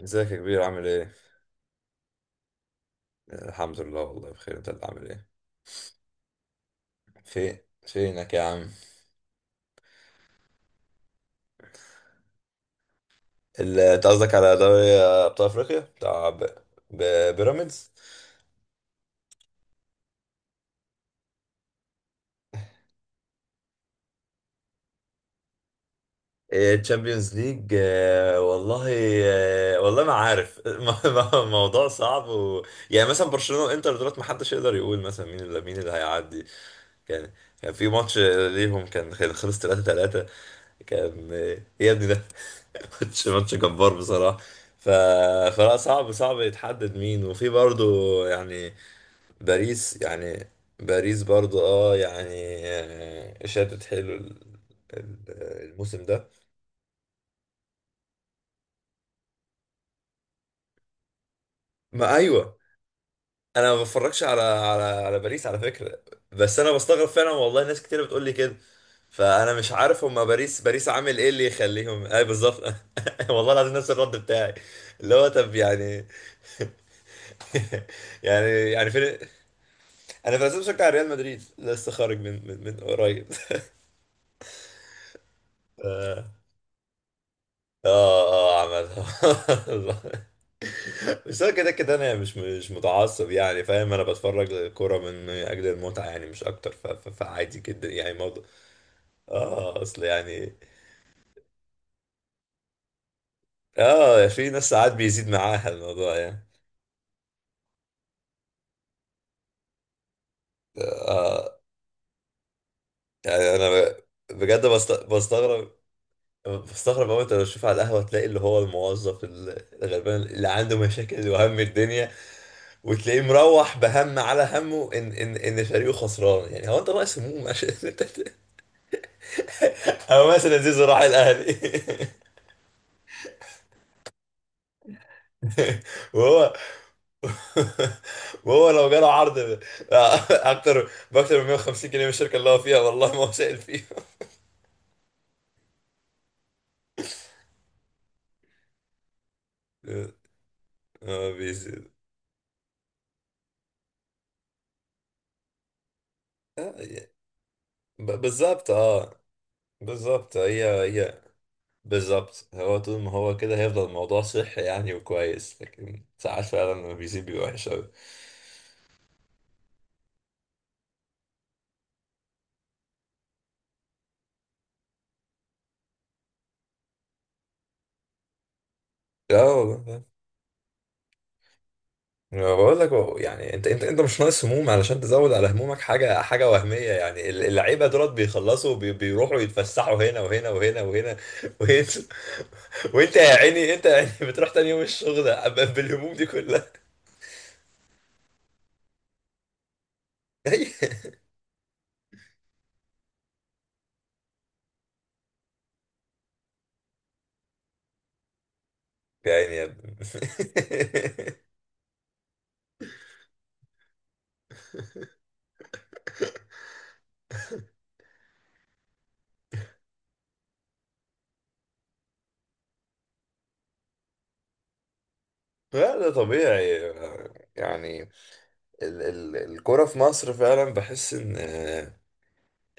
ازيك يا كبير، عامل ايه؟ الحمد لله والله بخير، انت اللي عامل ايه؟ فين. فينك يا عم؟ انت قصدك على دوري ابطال افريقيا بتاع ب... بيراميدز؟ إيه، تشامبيونز ليج، والله. والله ما عارف. الموضوع صعب يعني مثلا برشلونة وانتر، دولت ما حدش يقدر يقول مثلا مين اللي هيعدي. كان كان في ماتش ليهم، كان خلص 3-3. كان إيه يا ابني ده! ماتش جبار بصراحة. ف... فلا صعب يتحدد مين، وفي برضو يعني باريس يعني. باريس برضو اه يعني. شادت حلو، ال- الموسم ده. ما ايوه، انا ما بتفرجش على على باريس على فكره. بس انا بستغرب فعلا والله، ناس كتير بتقول لي كده. فانا مش عارف، هما باريس عامل ايه اللي يخليهم اي بالظبط. والله العظيم، نفس الرد بتاعي. اللي هو طب يعني. يعني. يعني فين. انا في الاساس بشجع ريال مدريد، لسه خارج من قريب. اه. اه عملها. بس انا كده كده انا يعني مش متعصب، يعني فاهم، انا بتفرج للكوره من اجل المتعه، يعني مش اكتر. فعادي جدا يعني. اه اصل يعني. اه، في ناس ساعات بيزيد معاها الموضوع يعني. اه يعني، انا بجد بستغرب. بستغرب قوي. انت لو تشوف على القهوه، تلاقي اللي هو الموظف الغلبان اللي عنده مشاكل وهم الدنيا، وتلاقيه مروح بهم على همه ان فريقه خسران. يعني هو انت ناقص هموم عشان انت؟ او مثلا زيزو راح الاهلي. وهو. وهو لو جاله عرض اكتر باكتر من 150 جنيه من الشركه اللي هو فيها، والله ما هو سائل. بيزيد. آه، ي- بالظبط اه. بالظبط، هي هي. بالظبط، هو طول ما هو كده هيفضل الموضوع صحي يعني وكويس، لكن ساعات فعلا لما بيزيد بيبقى وحش أوي. لا والله. أنا بقول لك هو يعني انت انت انت مش ناقص هموم علشان تزود على همومك حاجه وهميه. يعني اللعيبه دولت بيخلصوا وبي- بيروحوا يتفسحوا هنا وهنا. وانت. وانت يا عيني، انت يعني بتروح تاني يوم الشغل بالهموم دي كلها. يا عيني يا ابني. لا ده طبيعي يعني. ال ال الكرة في مصر، فعلا بحس ان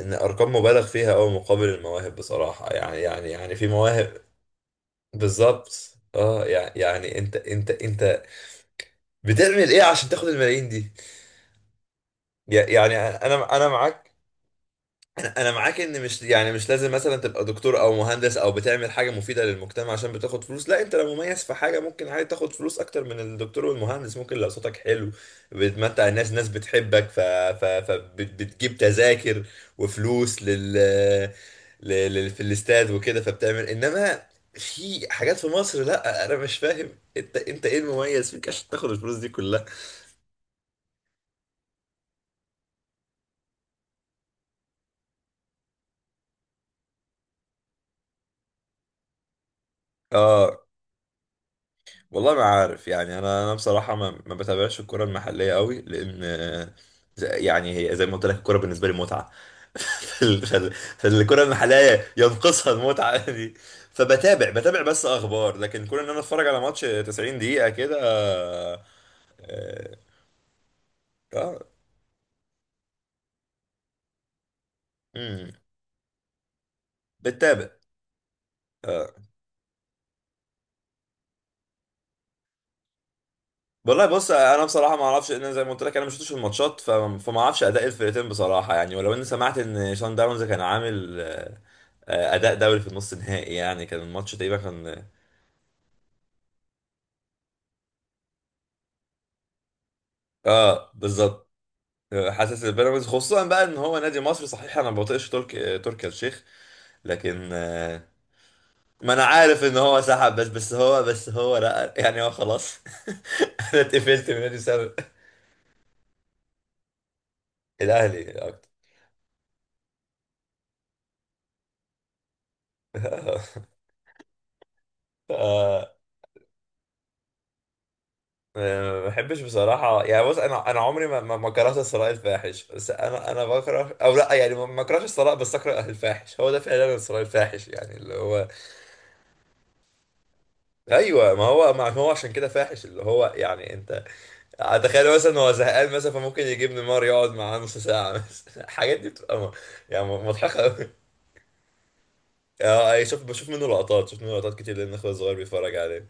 ان ارقام مبالغ فيها قوي مقابل المواهب بصراحة، يعني، يعني يعني في مواهب. بالظبط اه. يعني انت انت انت بتعمل ايه عشان تاخد الملايين دي؟ يعني انا معاك. انا معاك ان مش يعني مش لازم مثلا تبقى دكتور او مهندس او بتعمل حاجه مفيده للمجتمع عشان بتاخد فلوس، لا، انت لو مميز في حاجه ممكن عادي تاخد فلوس اكتر من الدكتور والمهندس. ممكن لو صوتك حلو بتمتع الناس، ناس بتحبك ف... ف... فبتجيب تذاكر وفلوس في الاستاد وكده، فبتعمل. انما في حاجات في مصر، لا انا مش فاهم، انت انت ايه المميز فيك عشان تاخد الفلوس دي كلها؟ اه والله ما عارف يعني. انا بصراحه ما بتابعش الكره المحليه قوي، لان يعني هي زي ما قلت لك الكره بالنسبه لي متعه. فالكره المحليه ينقصها المتعه دي. بتابع بس اخبار، لكن كون ان انا اتفرج على ماتش 90 دقيقه كده، اه. آه، امم بتابع. آه. والله بص، انا بصراحه ما اعرفش. ان زي ما قلت لك، انا ما شفتش الماتشات، فما اعرفش اداء الفرقتين بصراحه يعني. ولو اني سمعت ان شان داونز كان عامل اداء دوري في النص نهائي، يعني كان الماتش تقريبا كان. اه بالظبط. حاسس البيراميدز خصوصا بقى ان هو نادي مصري صحيح، انا ما بطيقش ترك تركي آل الشيخ، لكن ما انا عارف ان هو سحب، بس هو لا، يعني هو خلاص. انا اتقفلت من نادي بسبب. الاهلي اكتر. آه، ما بحبش بصراحة يعني. بص أنا عمري ما كرهت الثراء الفاحش. بس أنا بكره، أو لا يعني ما كرهتش الثراء، بس أكره الفاحش. هو ده فعلا الثراء الفاحش، يعني اللي هو. ايوه، ما هو ما هو عشان كده فاحش. اللي هو يعني انت تخيل مثلا هو زهقان مثلا، فممكن يجيب نيمار يقعد معاه نص ساعه مثلا. الحاجات دي بتبقى يعني مضحكه قوي. اه أي شوف، بشوف منه لقطات، شوف منه لقطات كتير لان اخويا الصغير بيتفرج عليه.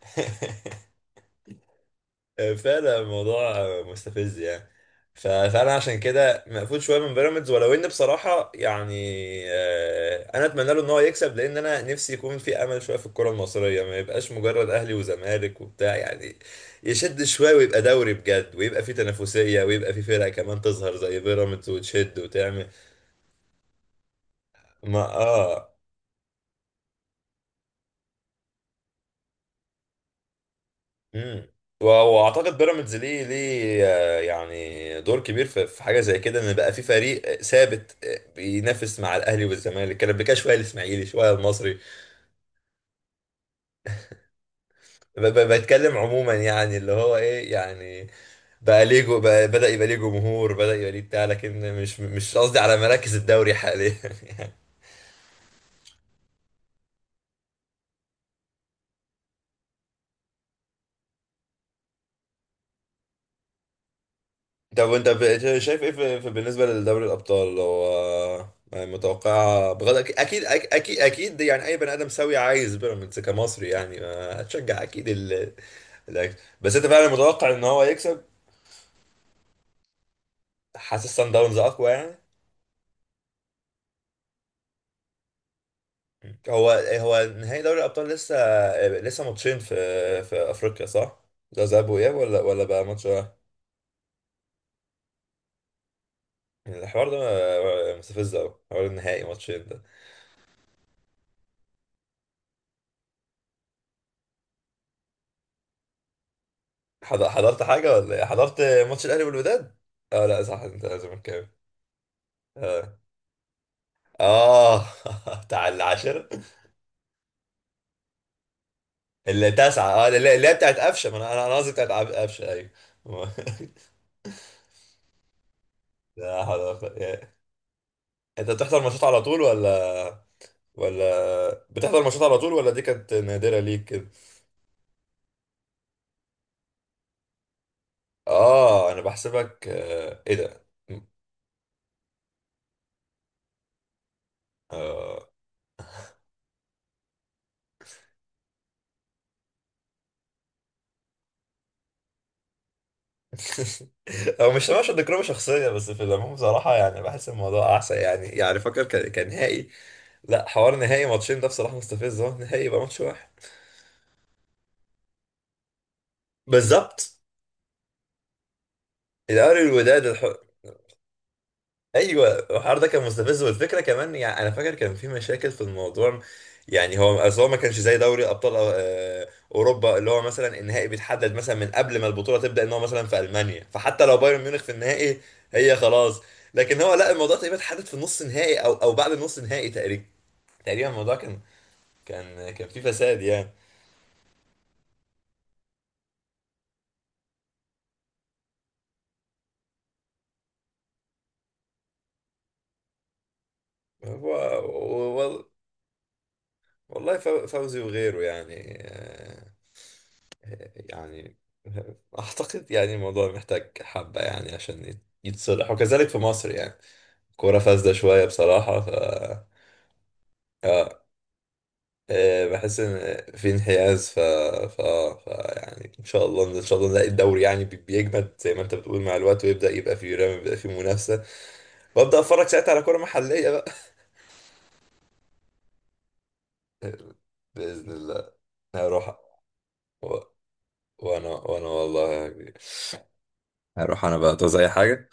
فعلا الموضوع مستفز يعني. فانا عشان كده مقفول شويه من بيراميدز، ولو ان بصراحه يعني انا اتمنى له ان هو يكسب، لان انا نفسي يكون في امل شويه في الكره المصريه، ما يبقاش مجرد اهلي وزمالك وبتاع. يعني يشد شويه ويبقى دوري بجد، ويبقى في تنافسيه، ويبقى في فرق كمان تظهر زي بيراميدز وتشد وتعمل. ما اه. امم. واعتقد بيراميدز ليه يعني دور كبير في في حاجه زي كده، ان بقى في فريق ثابت بينافس مع الاهلي والزمالك. كان قبل كده شويه الاسماعيلي شويه المصري. بتكلم عموما يعني، اللي هو ايه يعني، بقى ليه جو، بقى بدا يبقى ليه جمهور، بدا يبقى ليه بتاع، لكن مش مش قصدي على مراكز الدوري حاليا. طب وانت شايف ايه بالنسبه لدوري الابطال؟ هو يعني متوقع بغض. اكيد يعني اي بني ادم سوي عايز بيراميدز كمصري. يعني ما هتشجع اكيد ال- بس انت فعلا متوقع ان هو يكسب؟ حاسس سان داونز اقوى يعني؟ هو هو نهائي دوري الابطال لسه. لسه ماتشين في في افريقيا صح؟ ده ذهاب واياب ولا بقى ماتش واحد؟ يعني الحوار ده مستفز قوي، حوار النهائي ماتشين ده. حضرت حاجة ولا ايه؟ حضرت ماتش الأهلي والوداد؟ اه لا صح، انت زملكاوي. اه. اه. بتاع العاشرة. اللي تسعة، اه اللي اللي هي بتاعت قفشة. ما انا انا أنا قصدي بتاعت قفشة، ايوه. لا حضرت يا. انت بتحضر ماتشات على طول، ولا ولا بتحضر ماتشات على طول، ولا دي كانت نادرة ليك كده؟ اه انا بحسبك. ايه ده؟ اه. هو مش مش ذكرى شخصية، بس في العموم بصراحة يعني بحس الموضوع أحسن. يعني يعني فاكر كان كان نهائي. لا، حوار نهائي ماتشين ده بصراحة مستفز، اهو نهائي يبقى ماتش واحد. بالظبط. الأهلي والوداد ايوه الحوار ده كان مستفز. والفكرة كمان، يعني انا فاكر كان في مشاكل في الموضوع. يعني هو اصل هو ما كانش زي دوري ابطال اوروبا، اللي هو مثلا النهائي بيتحدد مثلا من قبل ما البطولة تبدأ، ان هو مثلا في ألمانيا، فحتى لو بايرن ميونخ في النهائي هي خلاص. لكن هو لا، الموضوع تقريبا اتحدد في النص نهائي او بعد النص نهائي تقريبا. تقريبا الموضوع كان كان فيه فساد يعني. هو والله فوزي وغيره يعني. يعني اعتقد يعني الموضوع محتاج حبة يعني عشان يتصلح، وكذلك في مصر يعني، كورة فاسدة شوية بصراحة. ف. آه، بحس ان في انحياز. ف... ف... ف يعني ان شاء الله نلاقي الدوري يعني بيجمد زي ما انت بتقول مع الوقت، ويبدأ يبقى فيه رمي، يبقى فيه منافسة، وابدأ اتفرج ساعتها على كورة محلية بقى. بإذن الله. هروح و... وانا والله يا كبير. هروح انا بقى، تعوز اي حاجة؟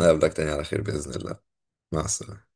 نقابلك تاني على خير بإذن الله. مع السلامة.